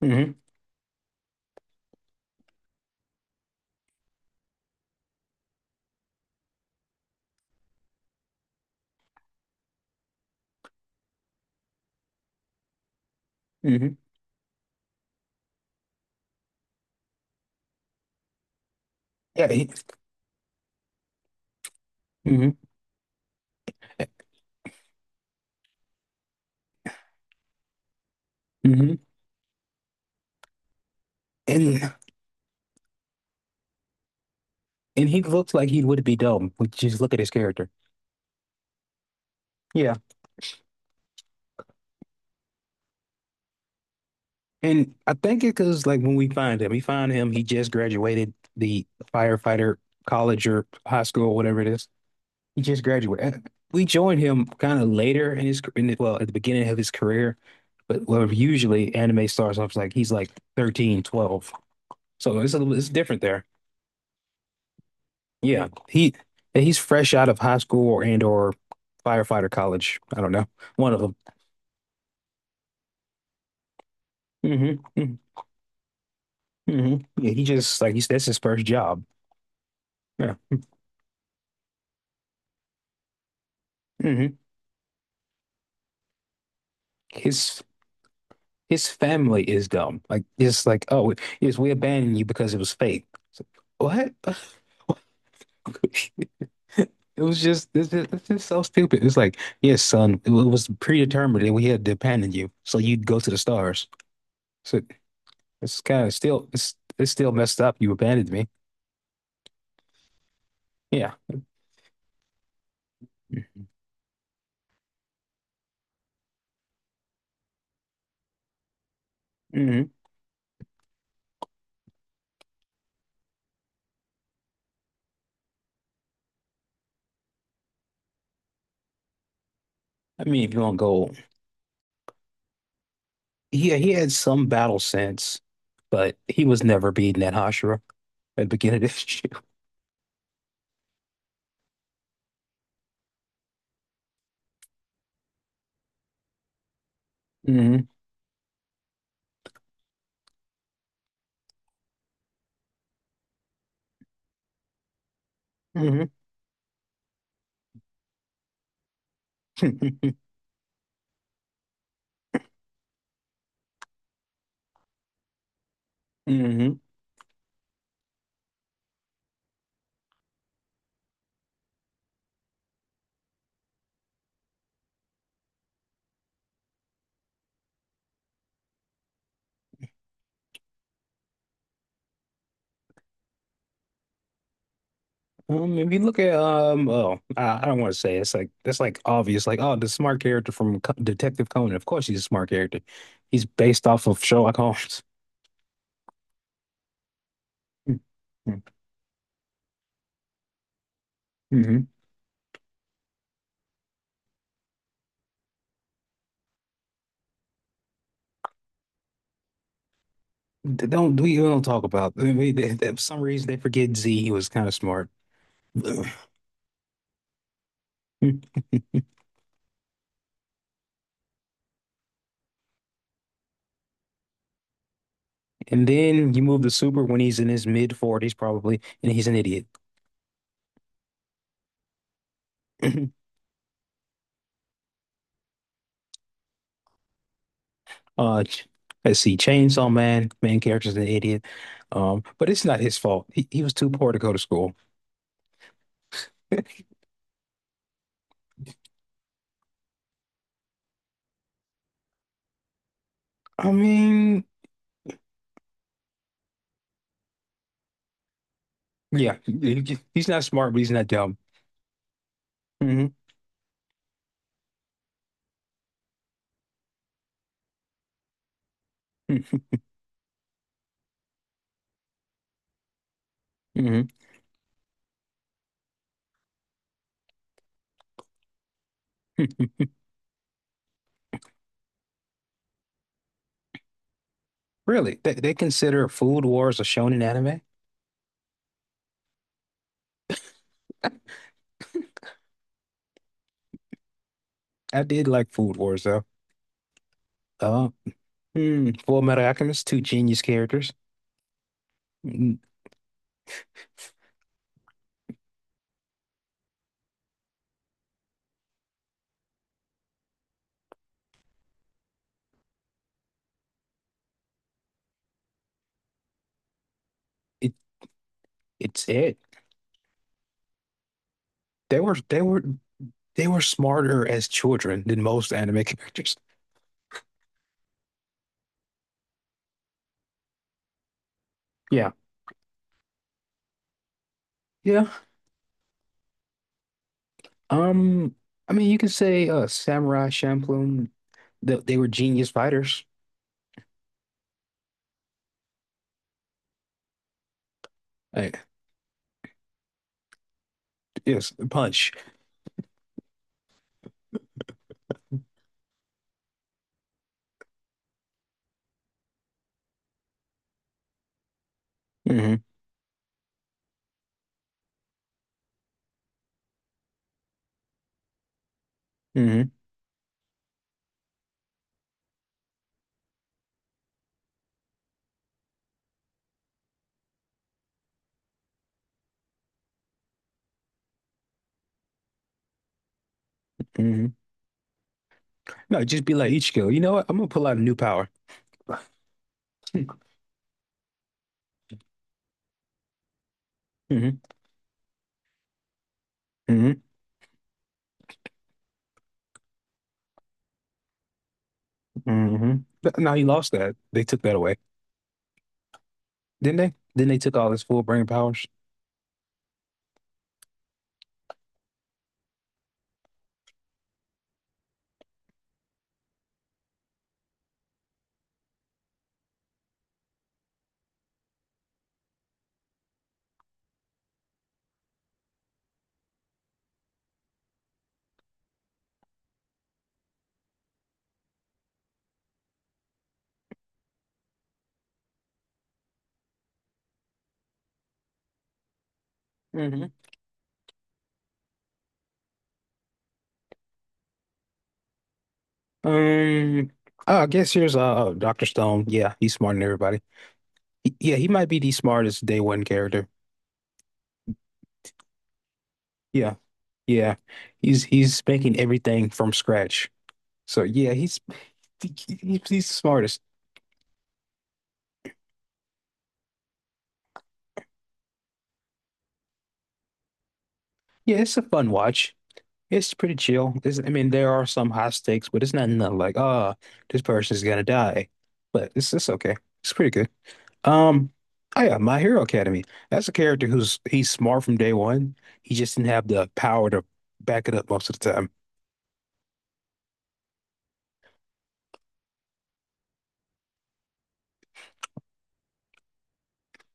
hmm hmm Yeah. He, hmm hmm And and he looks like he would be dumb. We just look at his character. Yeah. And I think it because like when we find him, we find him. He just graduated the firefighter college or high school or whatever it is. He just graduated. We join him kind of later in his well at the beginning of his career, but well, usually anime starts off like he's like 13, 12. So it's a little it's different there. Yeah, he's fresh out of high school or firefighter college. I don't know, one of them. hmm hmm Yeah, he just like he's that's his first job. Yeah. hmm His family is dumb. Like it's like, oh, yes, we abandoned you because it was fake. It's like, what? It was just it's just so stupid. It's like, yes son, it was predetermined that we had to abandon you so you'd go to the stars. So it's kind of still it's still messed up. You abandoned me. Yeah. hmm I mean, if you want to go, yeah, he had some battle sense, but he was never beating that Hashira at the beginning of this year. hmm hmm hmm if you look at, oh, I don't want to say it. It's like That's like obvious, like, oh, the smart character from Detective Conan. Of course, he's a smart character. He's based off of Sherlock Holmes. Mm-hmm. Don't we don't talk about? I mean, for some reason, they forget Z was kind of smart. And then you move the Super when he's in his mid 40s, probably, and he's an idiot. Uh, ch- let's see, Chainsaw Man, main character's an idiot. But it's not his fault. He was too poor to go to school. I mean, yeah, he's not smart, but he's not dumb. hmm hmm Really, they consider Food Wars a shonen anime? I did like Food Wars though. Uh, hmm, Full Metal Alchemist, two genius characters. Mm, It, it's it. They were they were they were smarter as children than most anime characters. Yeah. Yeah. Um, I mean, you can say Samurai Champloo, they were genius fighters. Like, yes, punch. hmm hmm hmm No, just be like Ichigo. You know what? I'm gonna pull out a new power. hmm hmm hmm But now he lost that. They took that away, didn't they? Then they took all his full brain powers. hmm Um, oh, I guess here's Dr. Stone. Yeah, he's smarter than everybody. Yeah, he might be the smartest day one character. Yeah, yeah. He's making everything from scratch. So yeah, he- he's the smartest. Yeah, it's a fun watch. It's pretty chill. I mean, there are some high stakes, but it's not nothing like, ah, this person's gonna die. But it's okay. It's pretty good. Um, oh yeah, My Hero Academy. That's a character who's he's smart from day one. He just didn't have the power to back it up most of the time.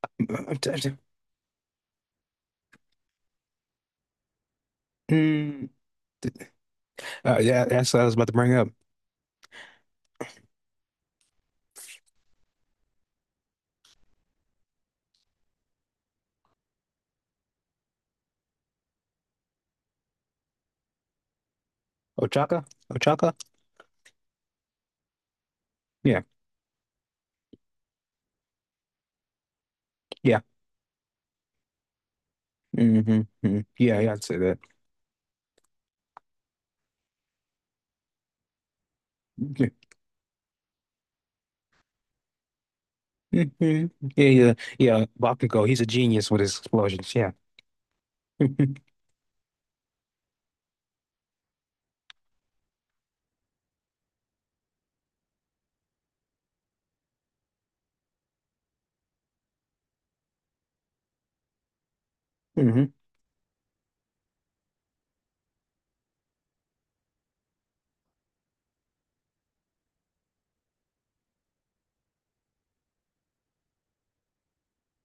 Mm, mm, mm. Mm, yeah, that's what I was about to bring up. Ochaka? Ochaka? Yeah. Yeah. hmm Yeah, yeah, I'd say that. Yeah. Yeah, yeah, yeah. Bakugo, he's a genius with his explosions. Yeah. hmm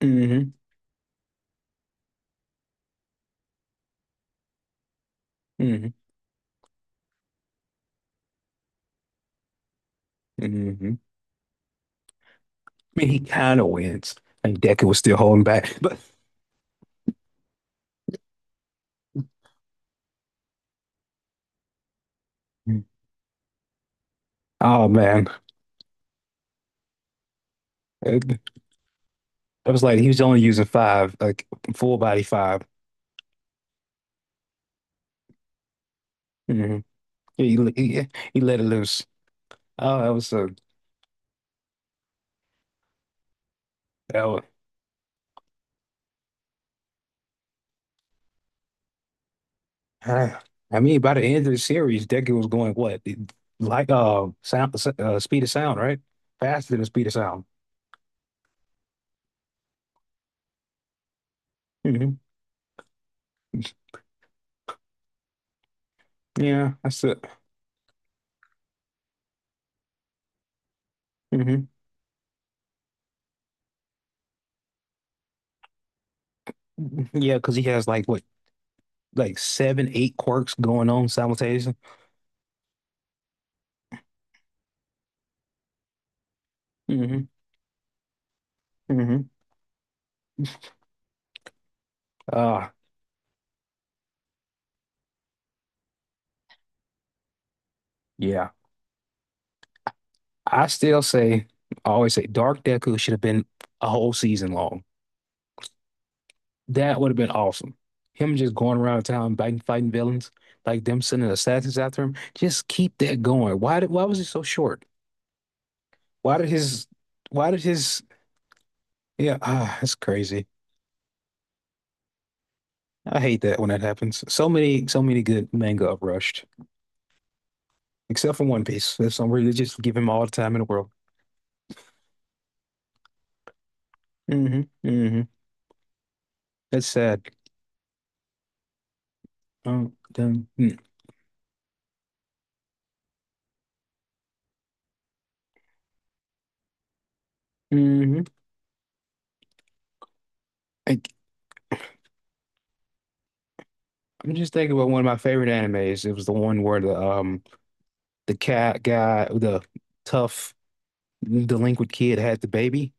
hmm hmm hmm I mean, he kind of wins. And Deku was still holding back, but oh man, it, it was like he was only using five, like full body 5. Mm-hmm. He, he he let it loose. Oh, that was a that was, Uh, I mean, by the end of the series, Deku was going what? Like speed of sound, right? Faster than the speed of sound. hmm Yeah, that's it. hmm Yeah, because he has like what, like seven, eight quirks going on simultaneously. hmm hmm Uh, yeah. I still say, I always say, Dark Deku should have been a whole season long. That would have been awesome. Him just going around town fighting, fighting villains, like them sending assassins after him. Just keep that going. Why was it so short? Why did his, why did his, yeah, ah, that's crazy. I hate that when that happens. So many, so many good manga uprushed, except for One Piece. That's something they just give him all the time in the world. mm hmm mm hmm That's sad. Oh, done. Mm-hmm. I, I'm just thinking about one of my favorite animes. It was the one where the cat guy, the tough delinquent kid had the baby.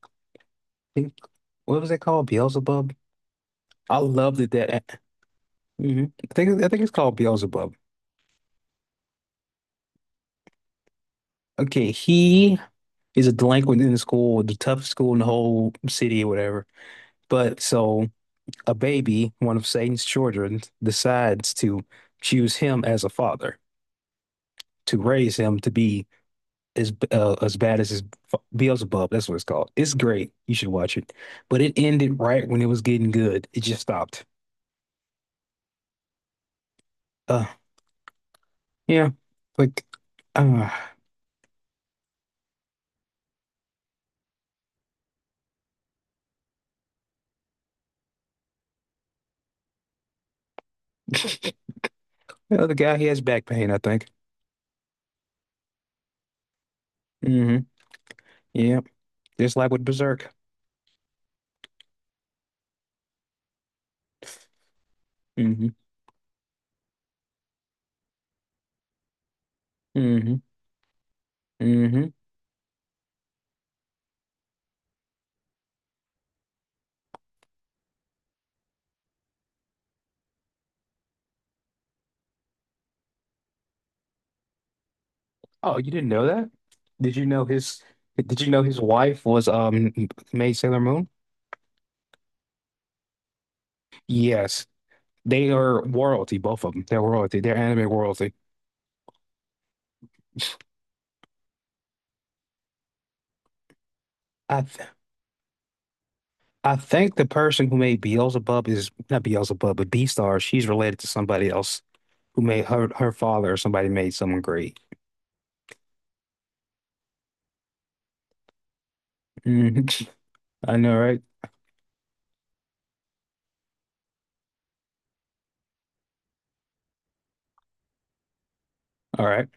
I think what was that called? Beelzebub. I loved it that. I think it's called Beelzebub. Okay, he's a delinquent in the school, the toughest school in the whole city or whatever. But so a baby, one of Satan's children, decides to choose him as a father to raise him to be as bad as Beelzebub. That's what it's called. It's great. You should watch it. But it ended right when it was getting good. It just stopped. Uh, yeah, like uh, the other guy, he has back pain, I think. hmm Yeah, just like with Berserk. hmm hmm hmm Oh, you didn't know that? Did you know his did you know his wife was Maid Sailor Moon? Yes. They are royalty, both of them. They're royalty. They're anime royalty. I th I think the person who made Beelzebub is not Beelzebub, but Beastars. She's related to somebody else who made her father or somebody made someone great. Mhm. I know, right? All right.